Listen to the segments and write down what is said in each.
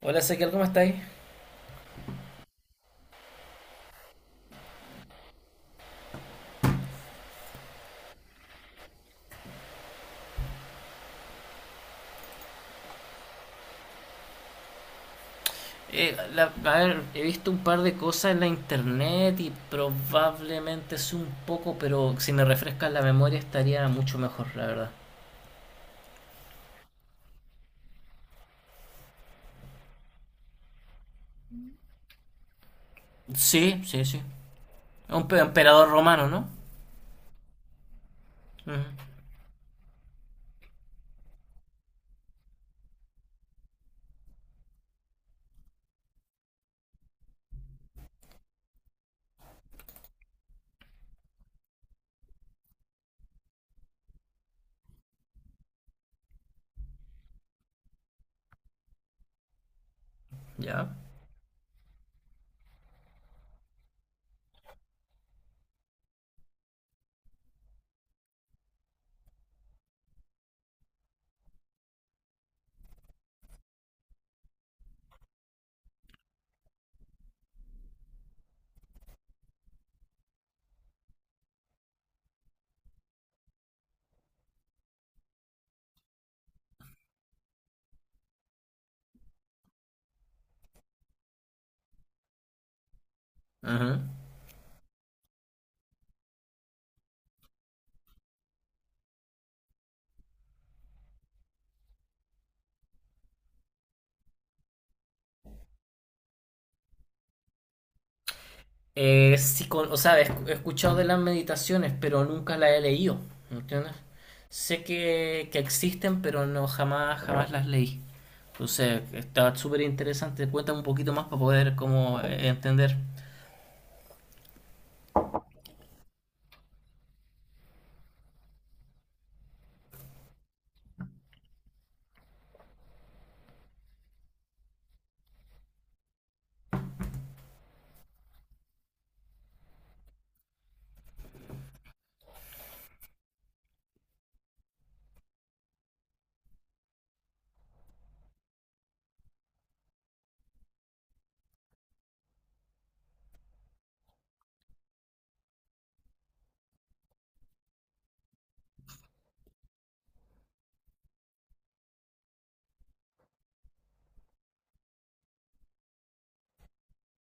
Hola, Ezequiel, ¿cómo estáis? A ver, he visto un par de cosas en la internet y probablemente es un poco, pero si me refrescas la memoria estaría mucho mejor, la verdad. Sí, sí, sí. Emperador romano, ¿no? Ujú. Ya. Ujú. Sí, o sea, he escuchado de las meditaciones, pero nunca las he leído, ¿entiendes? Sé que existen, pero no jamás, jamás las leí. Entonces, está súper interesante. Cuéntame un poquito más para poder como entender.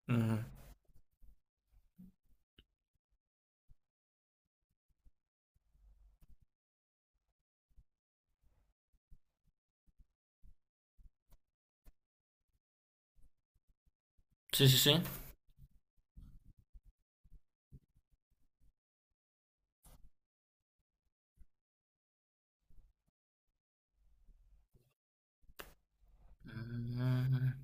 Mm. Sí, sí, sí. Mm.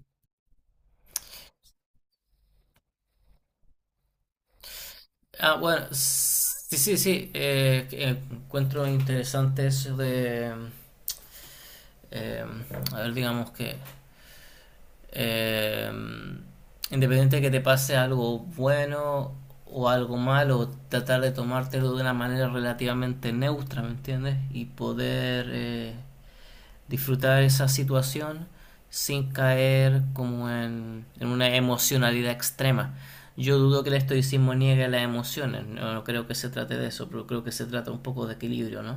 Ah, bueno, sí, sí, sí. Que encuentro interesante eso de, eh, a ver, digamos que Eh, independiente de que te pase algo bueno o algo malo, tratar de tomártelo de una manera relativamente neutra, ¿me entiendes? Y poder disfrutar esa situación sin caer como en una emocionalidad extrema. Yo dudo que el estoicismo niegue las emociones, no, no creo que se trate de eso, pero creo que se trata un poco de equilibrio, ¿no?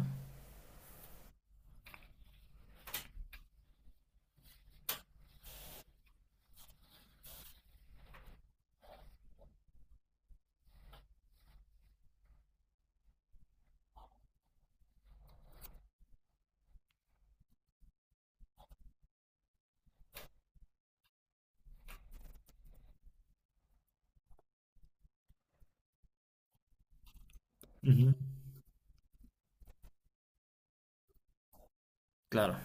Ujú. Claro.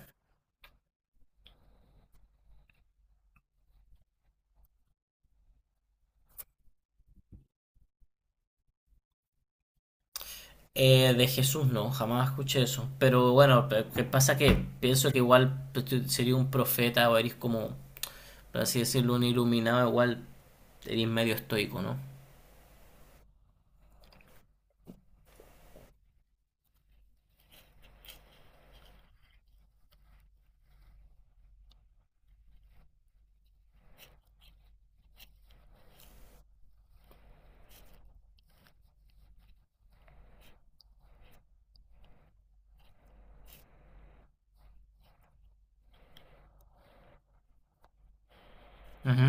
De Jesús no, jamás escuché eso. Pero bueno, que pasa que pienso que igual pues, tú sería un profeta o eres como, por así decirlo, un iluminado, igual eres medio estoico, ¿no? Ujú,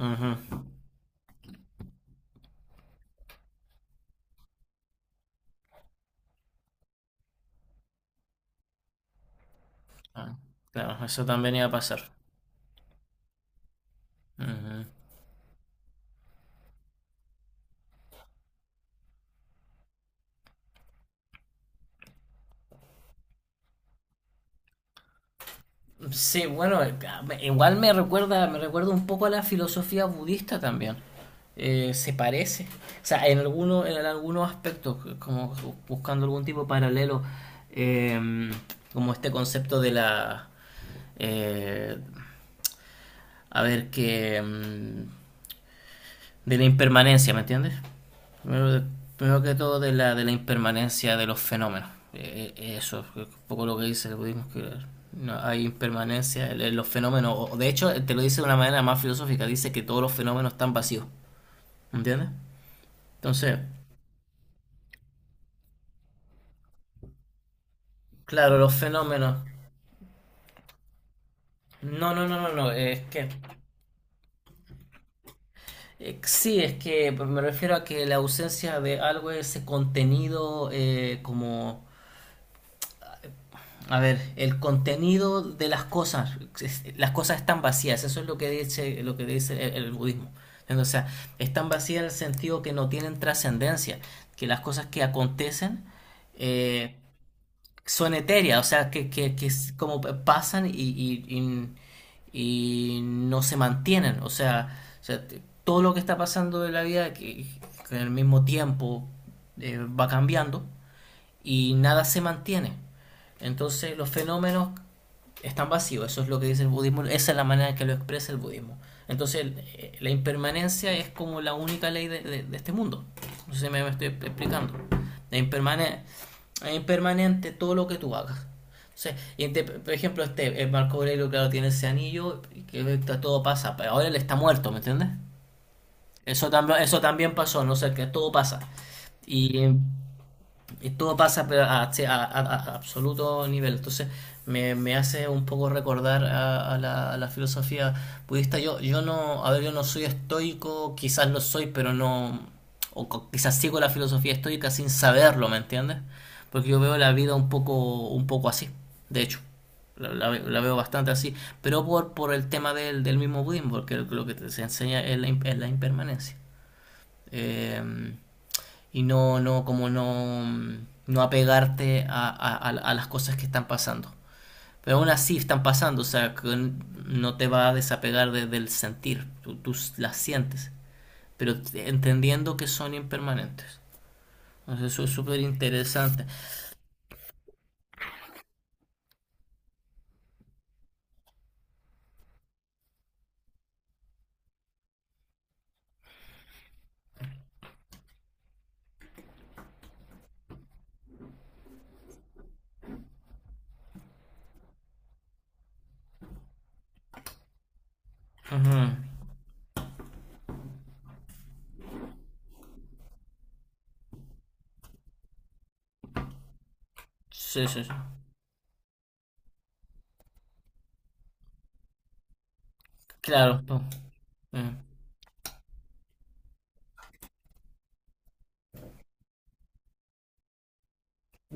ujú. Ah, claro, eso también iba a pasar. Ujú. Sí, bueno, igual me recuerda un poco a la filosofía budista también. Se parece. O sea, en algunos aspectos, como buscando algún tipo de paralelo, eh, como este concepto de la eh, a ver que de la impermanencia, ¿me entiendes? Primero, Primero que todo de la impermanencia de los fenómenos. Eso es un poco lo que dice el budismo, que no hay impermanencia en los fenómenos. De hecho, te lo dice de una manera más filosófica, dice que todos los fenómenos están vacíos, ¿entiendes? Entonces, claro, los fenómenos... No, no, no, no, no, es que... sí, es que me refiero a que la ausencia de algo es ese contenido como a ver, el contenido de las cosas, las cosas están vacías, eso es lo que dice el budismo. O sea, están vacías en el sentido que no tienen trascendencia, que las cosas que acontecen eh, son etéreas, o sea, que es como pasan y no se mantienen. O sea, todo lo que está pasando en la vida, que en el mismo tiempo va cambiando, y nada se mantiene. Entonces los fenómenos están vacíos, eso es lo que dice el budismo, esa es la manera en que lo expresa el budismo. Entonces la impermanencia es como la única ley de, de este mundo. No sé si me estoy explicando. Es impermanente, es impermanente todo lo que tú hagas. O sea, y este, por ejemplo, este el Marco Aurelio, claro, tiene ese anillo que todo pasa, pero ahora él está muerto, ¿me entiendes? Eso también pasó, no sé, sea, que todo pasa. Y y todo pasa pero a, sí, a absoluto nivel. Entonces me hace un poco recordar a, a la filosofía budista. Yo no, A ver, yo no soy estoico, quizás lo soy, pero no, quizás sigo la filosofía estoica sin saberlo, ¿me entiendes? Porque yo veo la vida un poco así, de hecho. La, la veo bastante así, pero por el tema del, del mismo budismo, porque lo que se enseña es la, es la impermanencia. Eh, y no, no, como no, no apegarte a, a las cosas que están pasando. Pero aún así están pasando, o sea, que no te va a desapegar del sentir, tú, las sientes, pero entendiendo que son impermanentes. Entonces, eso es súper interesante. Ujú. Sí, sí, sí. Claro. No. Mm.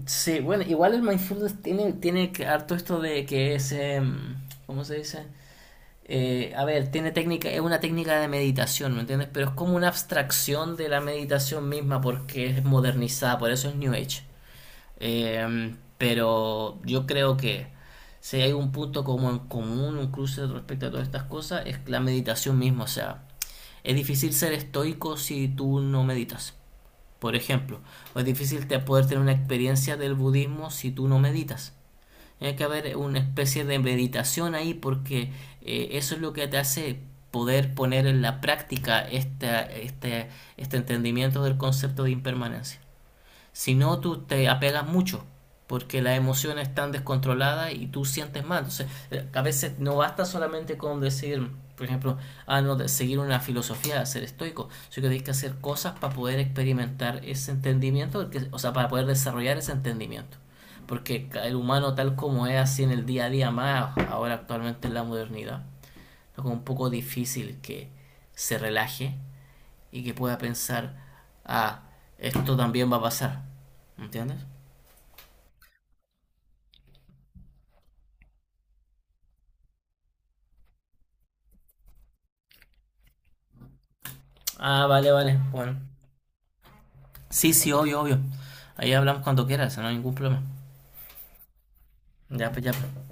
Sí, bueno, igual el mindfulness tiene, harto esto de que es, ¿cómo se dice? A ver, tiene técnica, es una técnica de meditación, ¿me entiendes? Pero es como una abstracción de la meditación misma porque es modernizada, por eso es New Age. Pero yo creo que si hay un punto como en común, un cruce respecto a todas estas cosas, es la meditación misma. O sea, es difícil ser estoico si tú no meditas, por ejemplo. O es difícil poder tener una experiencia del budismo si tú no meditas. Tiene que haber una especie de meditación ahí porque eso es lo que te hace poder poner en la práctica este entendimiento del concepto de impermanencia. Si no, tú te apegas mucho porque las emociones están descontroladas y tú sientes mal. Entonces, a veces no basta solamente con decir, por ejemplo, ah, no, de seguir una filosofía, ser estoico, sino que tienes que hacer cosas para poder experimentar ese entendimiento, porque- o sea, para poder desarrollar ese entendimiento. Porque el humano tal como es así en el día a día más, ahora actualmente en la modernidad, es un poco difícil que se relaje y que pueda pensar, ah, esto también va a pasar. ¿Entiendes? Ah, vale, vale. Bueno. Sí, sí, obvio, obvio. Ahí hablamos cuando quieras, no hay ningún problema. Ya, pues, ya, pues.